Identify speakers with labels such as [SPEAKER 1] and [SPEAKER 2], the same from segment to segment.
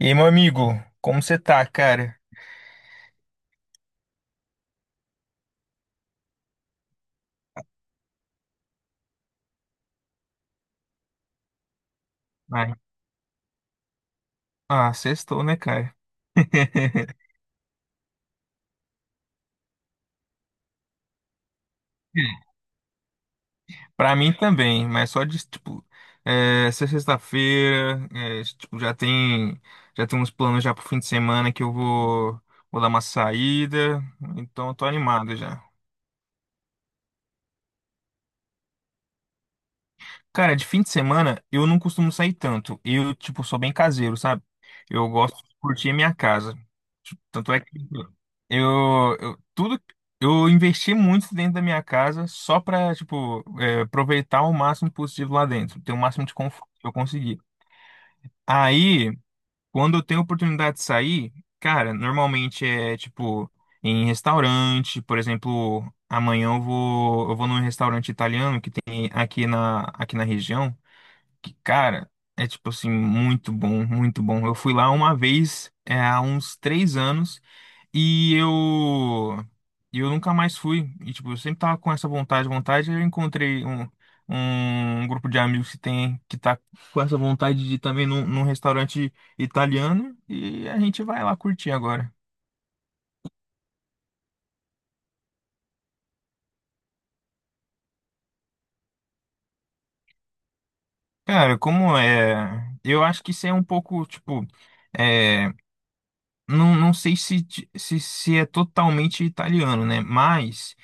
[SPEAKER 1] E aí, meu amigo, como você tá, cara? Ai, ah, sextou, né, cara? Pra mim também, mas só de, tipo, essa sexta-feira, é, tipo, já tem uns planos já pro fim de semana que eu vou dar uma saída, então eu tô animado já. Cara, de fim de semana eu não costumo sair tanto. Eu, tipo, sou bem caseiro, sabe? Eu gosto de curtir a minha casa. Tipo, tanto é que eu tudo eu investi muito dentro da minha casa só pra, tipo, aproveitar o máximo possível lá dentro, ter o máximo de conforto que eu conseguir. Aí, quando eu tenho oportunidade de sair, cara, normalmente é tipo em restaurante. Por exemplo, amanhã eu vou num restaurante italiano que tem aqui na região que, cara, é tipo assim, muito bom, muito bom. Eu fui lá uma vez, é, há uns 3 anos, e eu, e eu nunca mais fui. E, tipo, eu sempre tava com essa vontade, vontade, e eu encontrei um grupo de amigos que tá com essa vontade de ir também num restaurante italiano, e a gente vai lá curtir agora. Cara, como é. Eu acho que isso é um pouco, tipo. É, não, não sei se é totalmente italiano, né? Mas.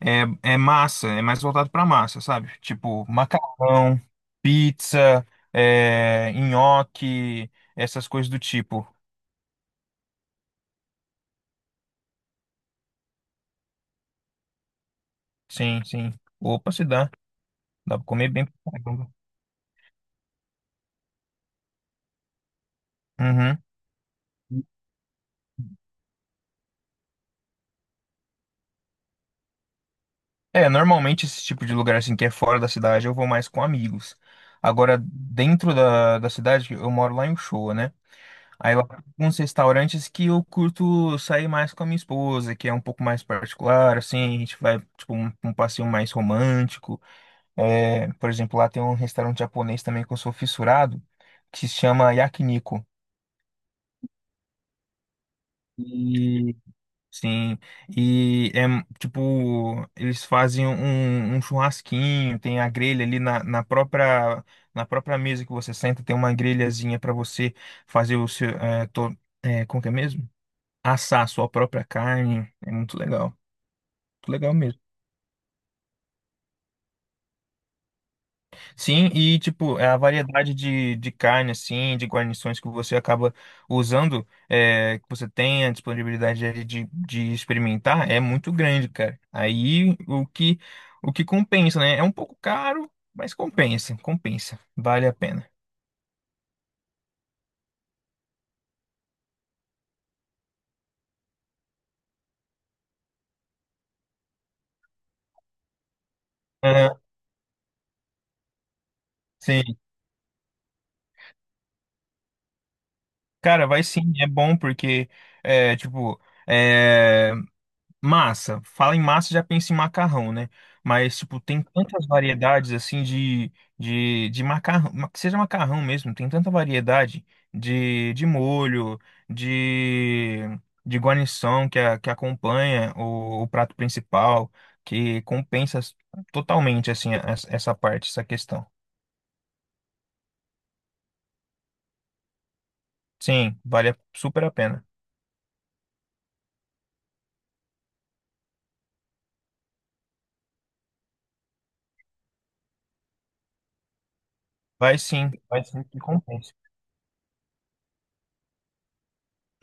[SPEAKER 1] É, é massa, é mais voltado pra massa, sabe? Tipo, macarrão, pizza, nhoque, essas coisas do tipo. Sim, sim. Opa, se dá. Dá pra comer bem pra caramba. Uhum. Normalmente esse tipo de lugar assim que é fora da cidade eu vou mais com amigos. Agora, dentro da cidade, eu moro lá em Uchoa, né? Aí lá tem uns restaurantes que eu curto sair mais com a minha esposa, que é um pouco mais particular, assim. A gente vai, tipo, um passeio mais romântico. Por exemplo, lá tem um restaurante japonês também que eu sou fissurado, que se chama Yakiniku. E sim, e é tipo, eles fazem um churrasquinho, tem a grelha ali na própria mesa que você senta, tem uma grelhazinha para você fazer o seu como que é mesmo? Assar a sua própria carne. É muito legal mesmo. Sim, e tipo, é a variedade de carne, assim, de guarnições que você acaba usando, que você tem a disponibilidade ali de experimentar, é muito grande, cara. Aí o que compensa, né? É um pouco caro, mas compensa, compensa, vale a pena. Aham, sim, cara, vai sim, é bom porque, tipo, eh, massa, fala em massa, já pensa em macarrão, né? Mas, tipo, tem tantas variedades, assim, de macarrão, que seja macarrão mesmo, tem tanta variedade de molho, de, de guarnição que acompanha o prato principal, que compensa totalmente, assim, essa parte, essa questão. Sim, vale super a pena. Vai sim que compensa.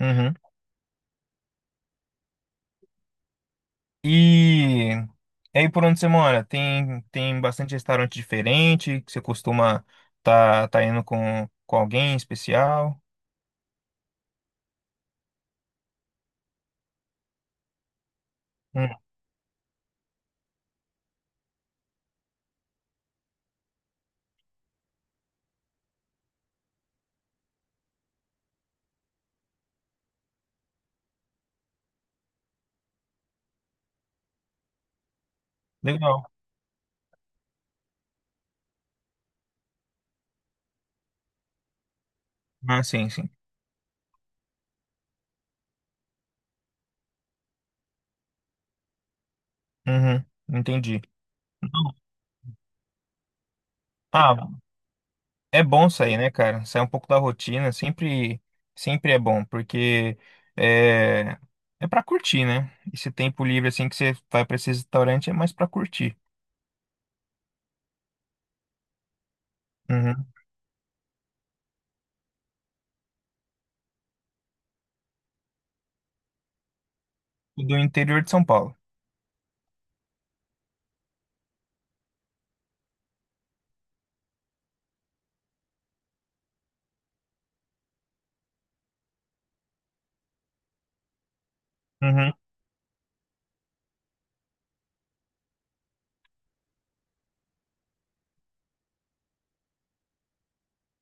[SPEAKER 1] Uhum. E, e aí, por onde você mora? Tem bastante restaurante diferente que você costuma tá indo com alguém especial? Hum, legal. Ah, sim, sim. Uhum, entendi. Ah, é bom sair, né, cara? Sair um pouco da rotina, sempre, sempre é bom, porque é, é para curtir, né? Esse tempo livre assim que você vai para esse restaurante é mais para curtir. Uhum. Do interior de São Paulo. Uhum.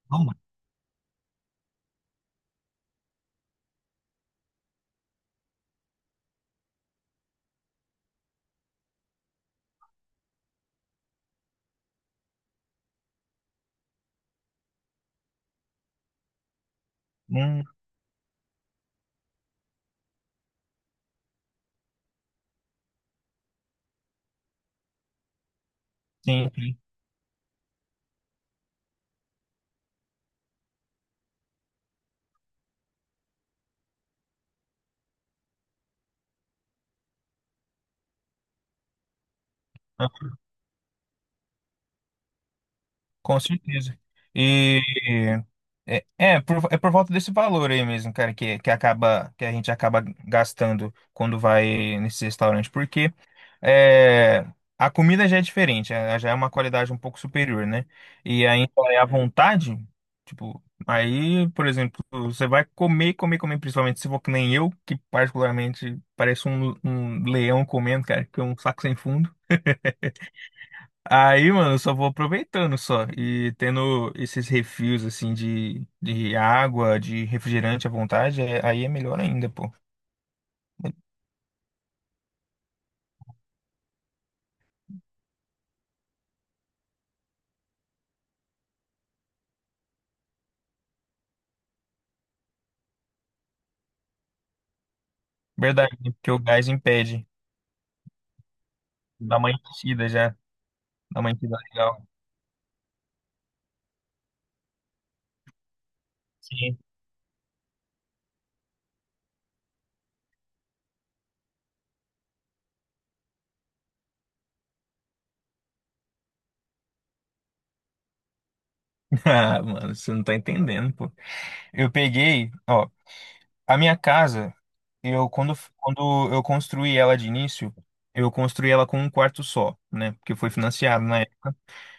[SPEAKER 1] Bom, hum, sim, sim. Com certeza. E por volta desse valor aí mesmo, cara, que acaba que a gente acaba gastando quando vai nesse restaurante, porque é, a comida já é diferente, já é uma qualidade um pouco superior, né? E aí então, é à vontade, tipo, aí, por exemplo, você vai comer, comer, comer, principalmente se for que nem eu, que particularmente parece um leão comendo, cara, que é um saco sem fundo. Aí, mano, eu só vou aproveitando só e tendo esses refis assim de água, de refrigerante à vontade, aí é melhor ainda, pô. Verdade, né? Porque o gás impede. Dá uma enchida já, dá uma enchida legal. Sim. Ah, mano, você não tá entendendo, pô. Eu peguei, ó, a minha casa, eu quando eu construí ela de início, eu construí ela com um quarto só, né? Porque foi financiado, né?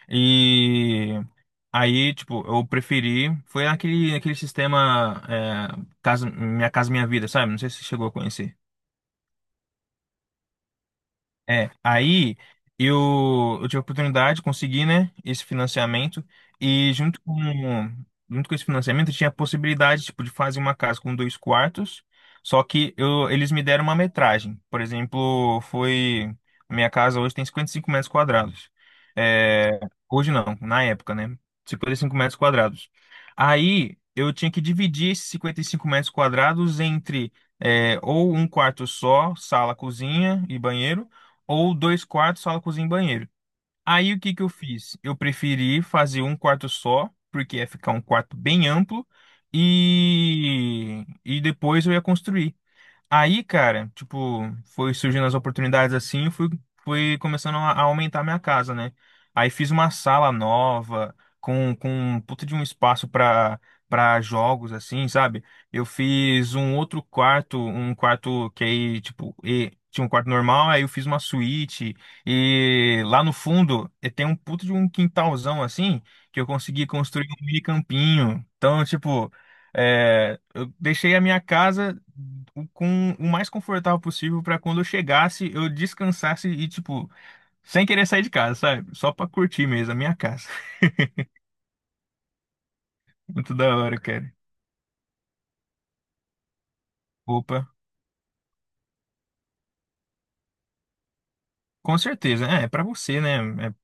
[SPEAKER 1] E aí, tipo, eu preferi. Foi naquele sistema casa, Minha Casa Minha Vida, sabe? Não sei se você chegou a conhecer. Aí eu tive a oportunidade de conseguir, né, esse financiamento e junto com esse financiamento eu tinha a possibilidade, tipo, de fazer uma casa com dois quartos, só que eles me deram uma metragem. Por exemplo, a minha casa hoje tem 55 m². É, hoje não, na época, né, 55 m². Aí eu tinha que dividir esses 55 m² entre ou um quarto só, sala, cozinha e banheiro, ou dois quartos, sala, cozinha e banheiro. Aí o que que eu fiz? Eu preferi fazer um quarto só, porque ia ficar um quarto bem amplo, e depois eu ia construir. Aí, cara, tipo, foi surgindo as oportunidades assim, fui começando a aumentar minha casa, né? Aí fiz uma sala nova, com um puta de um espaço pra jogos, assim, sabe? Eu fiz um outro quarto, um quarto que aí, tipo, tinha um quarto normal, aí eu fiz uma suíte, e lá no fundo e tem um puta de um quintalzão, assim, que eu consegui construir um mini campinho. Então, tipo. Eu deixei a minha casa com o mais confortável possível para quando eu chegasse, eu descansasse e, tipo, sem querer sair de casa, sabe? Só pra curtir mesmo a minha casa. Muito da hora, cara. Opa. Com certeza, é para você, né? É,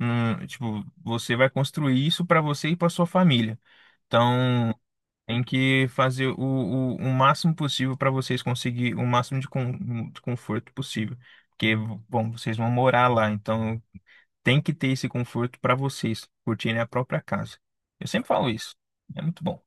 [SPEAKER 1] hum, tipo, você vai construir isso para você e para sua família. Então, tem que fazer o máximo possível para vocês conseguir o máximo de conforto possível. Porque, bom, vocês vão morar lá, então tem que ter esse conforto para vocês curtirem a própria casa. Eu sempre falo isso. É muito bom.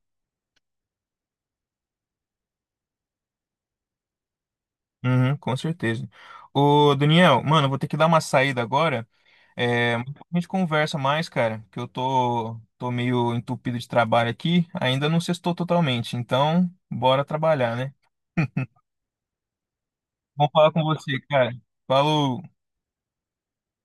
[SPEAKER 1] Uhum, com certeza. Ô, Daniel, mano, eu vou ter que dar uma saída agora. Mas a gente conversa mais, cara, que eu tô meio entupido de trabalho aqui. Ainda não sextou totalmente. Então, bora trabalhar, né? Vamos falar com você, cara. Falou!